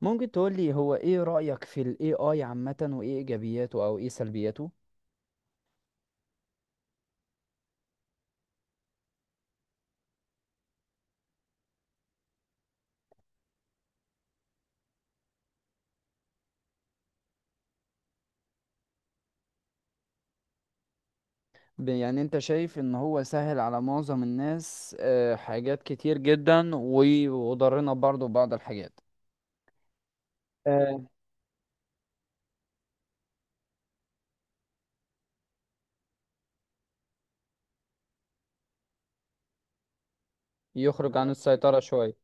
ممكن تقولي هو ايه رأيك في ال AI عامة وايه ايجابياته او ايه سلبياته؟ يعني انت شايف ان هو سهل على معظم الناس، آه، حاجات كتير جدا وضرنا برضو بعض الحاجات. آه، يخرج عن السيطرة شوية.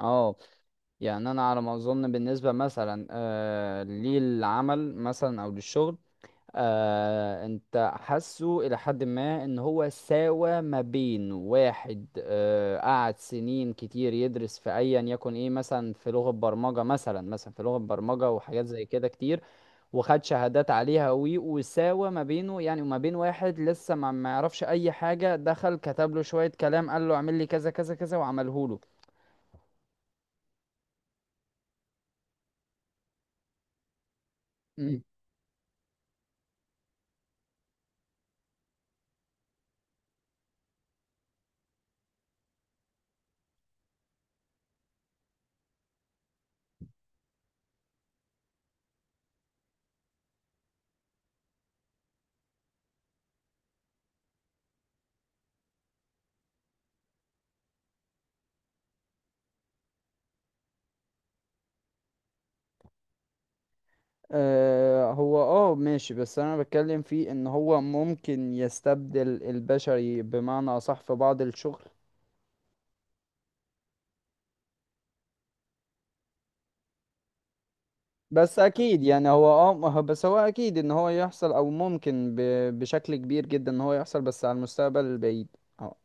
اه يعني انا على ما اظن بالنسبة مثلا آه، للعمل مثلا او للشغل. آه انت حاسه الى حد ما ان هو ساوى ما بين واحد، آه قعد سنين كتير يدرس في ايا يكن ايه مثلا في لغة برمجة، مثلا في لغة برمجة وحاجات زي كده كتير وخد شهادات عليها وساوى ما بينه يعني، وما بين واحد لسه ما يعرفش اي حاجة، دخل كتب له شوية كلام قال له اعمل لي كذا كذا كذا وعمله له. آه هو اه ماشي، بس انا بتكلم فيه ان هو ممكن يستبدل البشري بمعنى اصح في بعض الشغل. بس اكيد يعني هو اه ما هو- بس هو اكيد ان هو يحصل او ممكن بشكل كبير جدا ان هو يحصل، بس على المستقبل البعيد. اه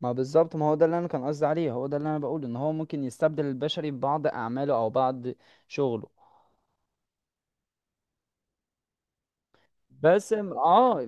ما بالظبط، ما هو ده اللي انا كان قصدي عليه، هو ده اللي انا بقوله ان هو ممكن يستبدل البشري ببعض اعماله او بعض شغله. اه.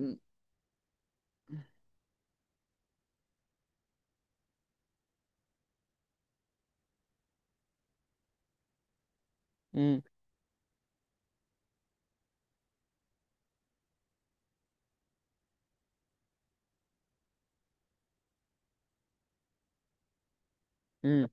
امم،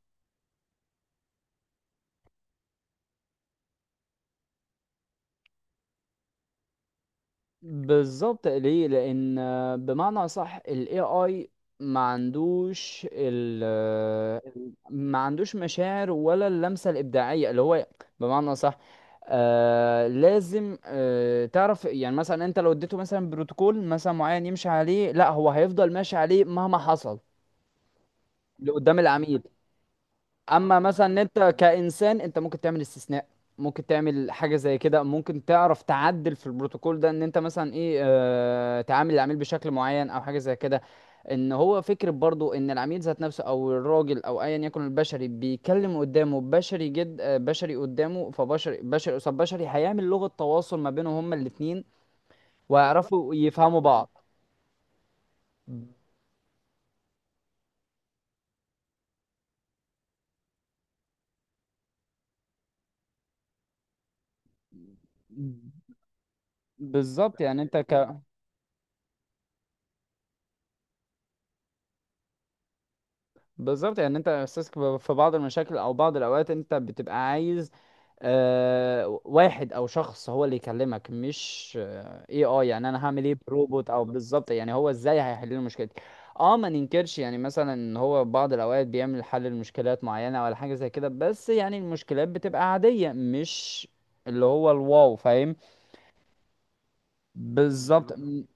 بالظبط ليه؟ لان آه، بمعنى صح ال AI ما عندوش ال آه، ما عندوش مشاعر ولا اللمسة الإبداعية اللي هو، بمعنى صح. آه لازم آه تعرف يعني مثلا انت لو اديته مثلا بروتوكول مثلا معين يمشي عليه، لا هو هيفضل ماشي عليه مهما حصل لقدام العميل. اما مثلا ان انت كانسان انت ممكن تعمل استثناء، ممكن تعمل حاجه زي كده، ممكن تعرف تعدل في البروتوكول ده ان انت مثلا ايه آه تعامل العميل بشكل معين او حاجه زي كده. ان هو فكره برضو ان العميل ذات نفسه او الراجل او ايا يكن البشري بيكلم قدامه بشري جد آه، بشري قدامه، فبشري بشري قصاد بشري هيعمل لغه تواصل ما بينهم هما الاتنين وهيعرفوا يفهموا بعض. ب- بالظبط. بالظبط يعني انت احساسك في بعض المشاكل او بعض الاوقات انت بتبقى عايز آه واحد او شخص هو اللي يكلمك، مش آه اي اي، يعني انا هعمل ايه بروبوت؟ او بالظبط يعني هو ازاي هيحل لي المشكله دي؟ اه ما ننكرش يعني مثلا ان هو بعض الاوقات بيعمل حل لمشكلات معينه ولا حاجه زي كده، بس يعني المشكلات بتبقى عاديه، مش اللي هو الواو، فاهم؟ بالظبط.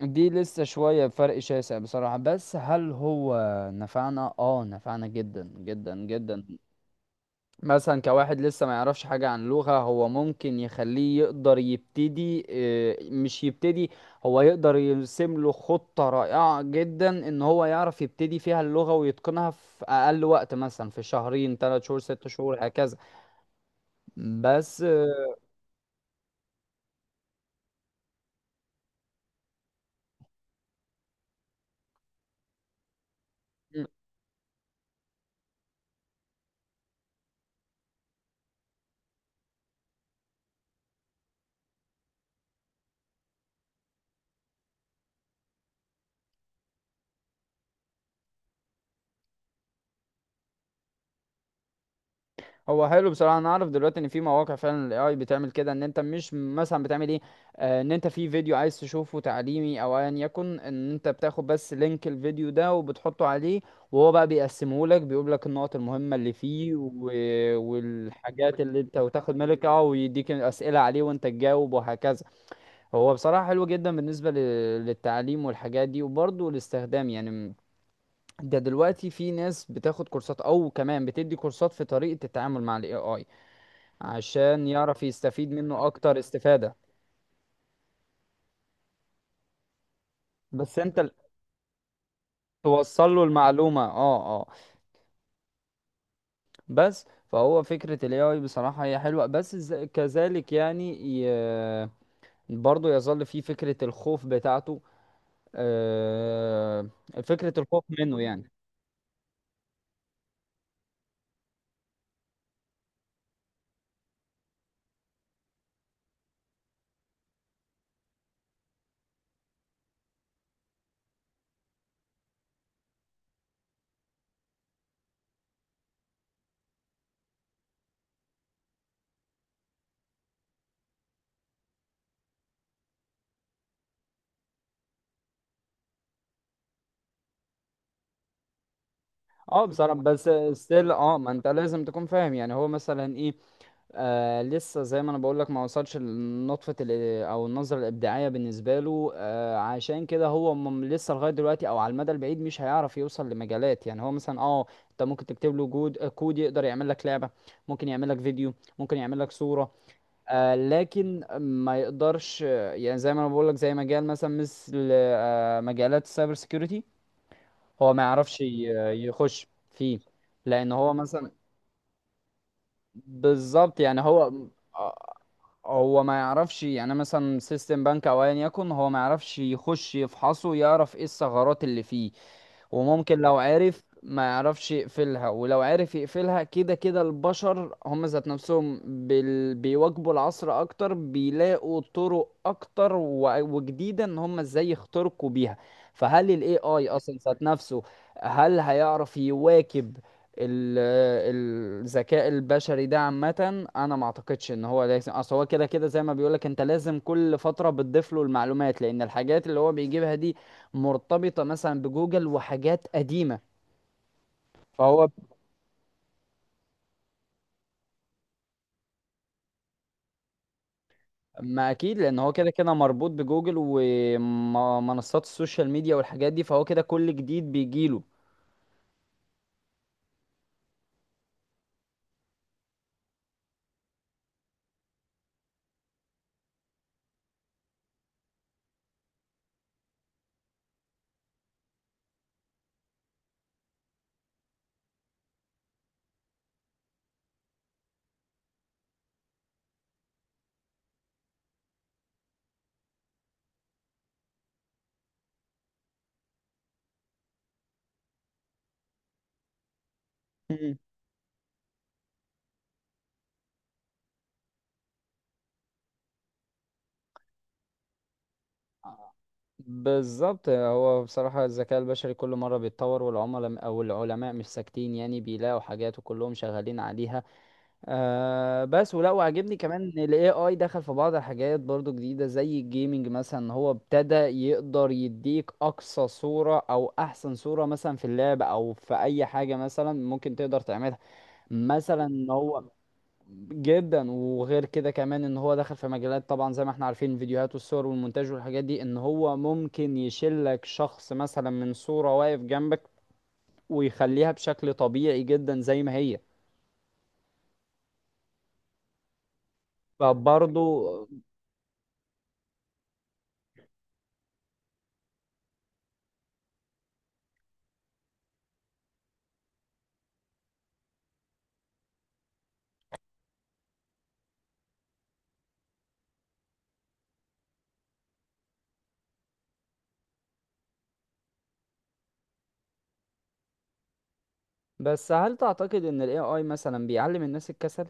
دي لسه شوية، فرق شاسع بصراحة. بس هل هو نفعنا؟ اه نفعنا جدا جدا جدا. مثلا كواحد لسه ما يعرفش حاجة عن لغة، هو ممكن يخليه يقدر يبتدي آه، مش يبتدي هو يقدر يرسم له خطة رائعة جدا ان هو يعرف يبتدي فيها اللغة ويتقنها في اقل وقت، مثلا في شهرين، ثلاث شهور، ست شهور، هكذا. بس آه، هو حلو بصراحه. انا اعرف دلوقتي ان في مواقع فعلا الاي اي بتعمل كده، ان انت مش مثلا بتعمل ايه آه، ان انت في فيديو عايز تشوفه تعليمي او ايا يكن، ان انت بتاخد بس لينك الفيديو ده وبتحطه عليه، وهو بقى بيقسمه لك، بيقول لك النقط المهمه اللي فيه والحاجات اللي انت وتاخد بالك، اه، ويديك اسئله عليه وانت تجاوب، وهكذا. هو بصراحه حلو جدا بالنسبه للتعليم والحاجات دي. وبرضه الاستخدام يعني، ده دلوقتي في ناس بتاخد كورسات او كمان بتدي كورسات في طريقه التعامل مع الاي اي، عشان يعرف يستفيد منه اكتر استفادة. بس انت توصل له المعلومة، اه اه. بس. فهو فكرة ال AI بصراحة هي حلوة، بس كذلك يعني، ي... برضه يظل فيه فكرة الخوف بتاعته، آه، فكرة الخوف منه يعني. اه بصراحة، بس ستيل اه ما انت لازم تكون فاهم، يعني هو مثلا ايه آه، لسه زي ما انا بقولك، ما وصلش لنطفة او النظرة الابداعية بالنسبة له. آه عشان كده هو لسه لغاية دلوقتي او على المدى البعيد مش هيعرف يوصل لمجالات، يعني هو مثلا اه انت ممكن تكتب له آه، كود يقدر يعمل لك لعبة، ممكن يعمل لك فيديو، ممكن يعمل لك صورة. آه لكن ما يقدرش آه، يعني زي ما انا بقولك، زي مجال مثلا مثل آه مجالات السايبر سيكيورتي، هو ما يعرفش يخش فيه. لان هو مثلا بالظبط يعني هو آه، هو ما يعرفش يعني مثلا سيستم بنك او ايا يكن، هو ما يعرفش يخش يفحصه يعرف ايه الثغرات اللي فيه. وممكن لو عرف ما يعرفش يقفلها، ولو عرف يقفلها كده كده البشر هم ذات نفسهم بيواجهوا العصر اكتر، بيلاقوا طرق اكتر وجديدة ان هم ازاي يخترقوا بيها. فهل الاي اي اصلا ذات نفسه هل هيعرف يواكب ال- الذكاء البشري ده عامة؟ انا ما اعتقدش ان هو لازم، اصل هو كده كده زي ما بيقولك انت لازم كل فترة بتضيف له المعلومات، لان الحاجات اللي هو بيجيبها دي مرتبطة مثلا بجوجل وحاجات قديمة، فهو ما اكيد لان هو كده كده مربوط بجوجل ومنصات السوشيال ميديا والحاجات دي، فهو كده كل جديد بيجيله. مم. بالظبط. هو بصراحة الذكاء البشري كل مرة بيتطور، والعملاء أو العلماء مش ساكتين، يعني بيلاقوا حاجات وكلهم شغالين عليها. آه بس ولا وعجبني كمان ان الاي اي دخل في بعض الحاجات برضو جديده زي الجيمنج مثلا، هو ابتدى يقدر يديك اقصى صوره او احسن صوره مثلا في اللعبه او في اي حاجه مثلا ممكن تقدر تعملها، مثلا ان هو جدا. وغير كده كمان ان هو دخل في مجالات طبعا زي ما احنا عارفين، الفيديوهات والصور والمونتاج والحاجات دي، ان هو ممكن يشيلك شخص مثلا من صوره واقف جنبك، ويخليها بشكل طبيعي جدا زي ما هي. فبرضو، بس هل تعتقد ان ال AI مثلا بيعلم الناس الكسل؟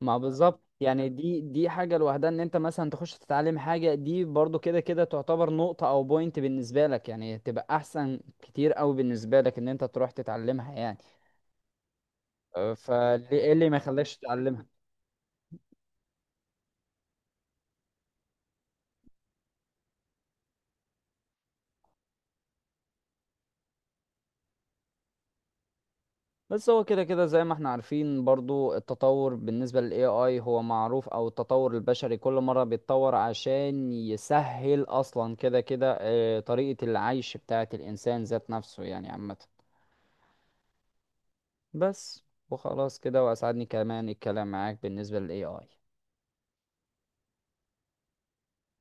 ما بالظبط، يعني دي حاجة لوحدها، ان انت مثلا تخش تتعلم حاجة دي برضو كده كده تعتبر نقطة او بوينت بالنسبة لك، يعني تبقى احسن كتير اوي بالنسبة لك ان انت تروح تتعلمها يعني. أه، فليه ايه اللي ما يخليكش تتعلمها؟ بس هو كده كده زي ما احنا عارفين برضو التطور بالنسبة لل AI هو معروف، او التطور البشري كل مرة بيتطور عشان يسهل اصلا كده كده آه، طريقة العيش بتاعة الانسان ذات نفسه يعني عامة. بس، وخلاص كده، واسعدني كمان الكلام معاك بالنسبة لل AI.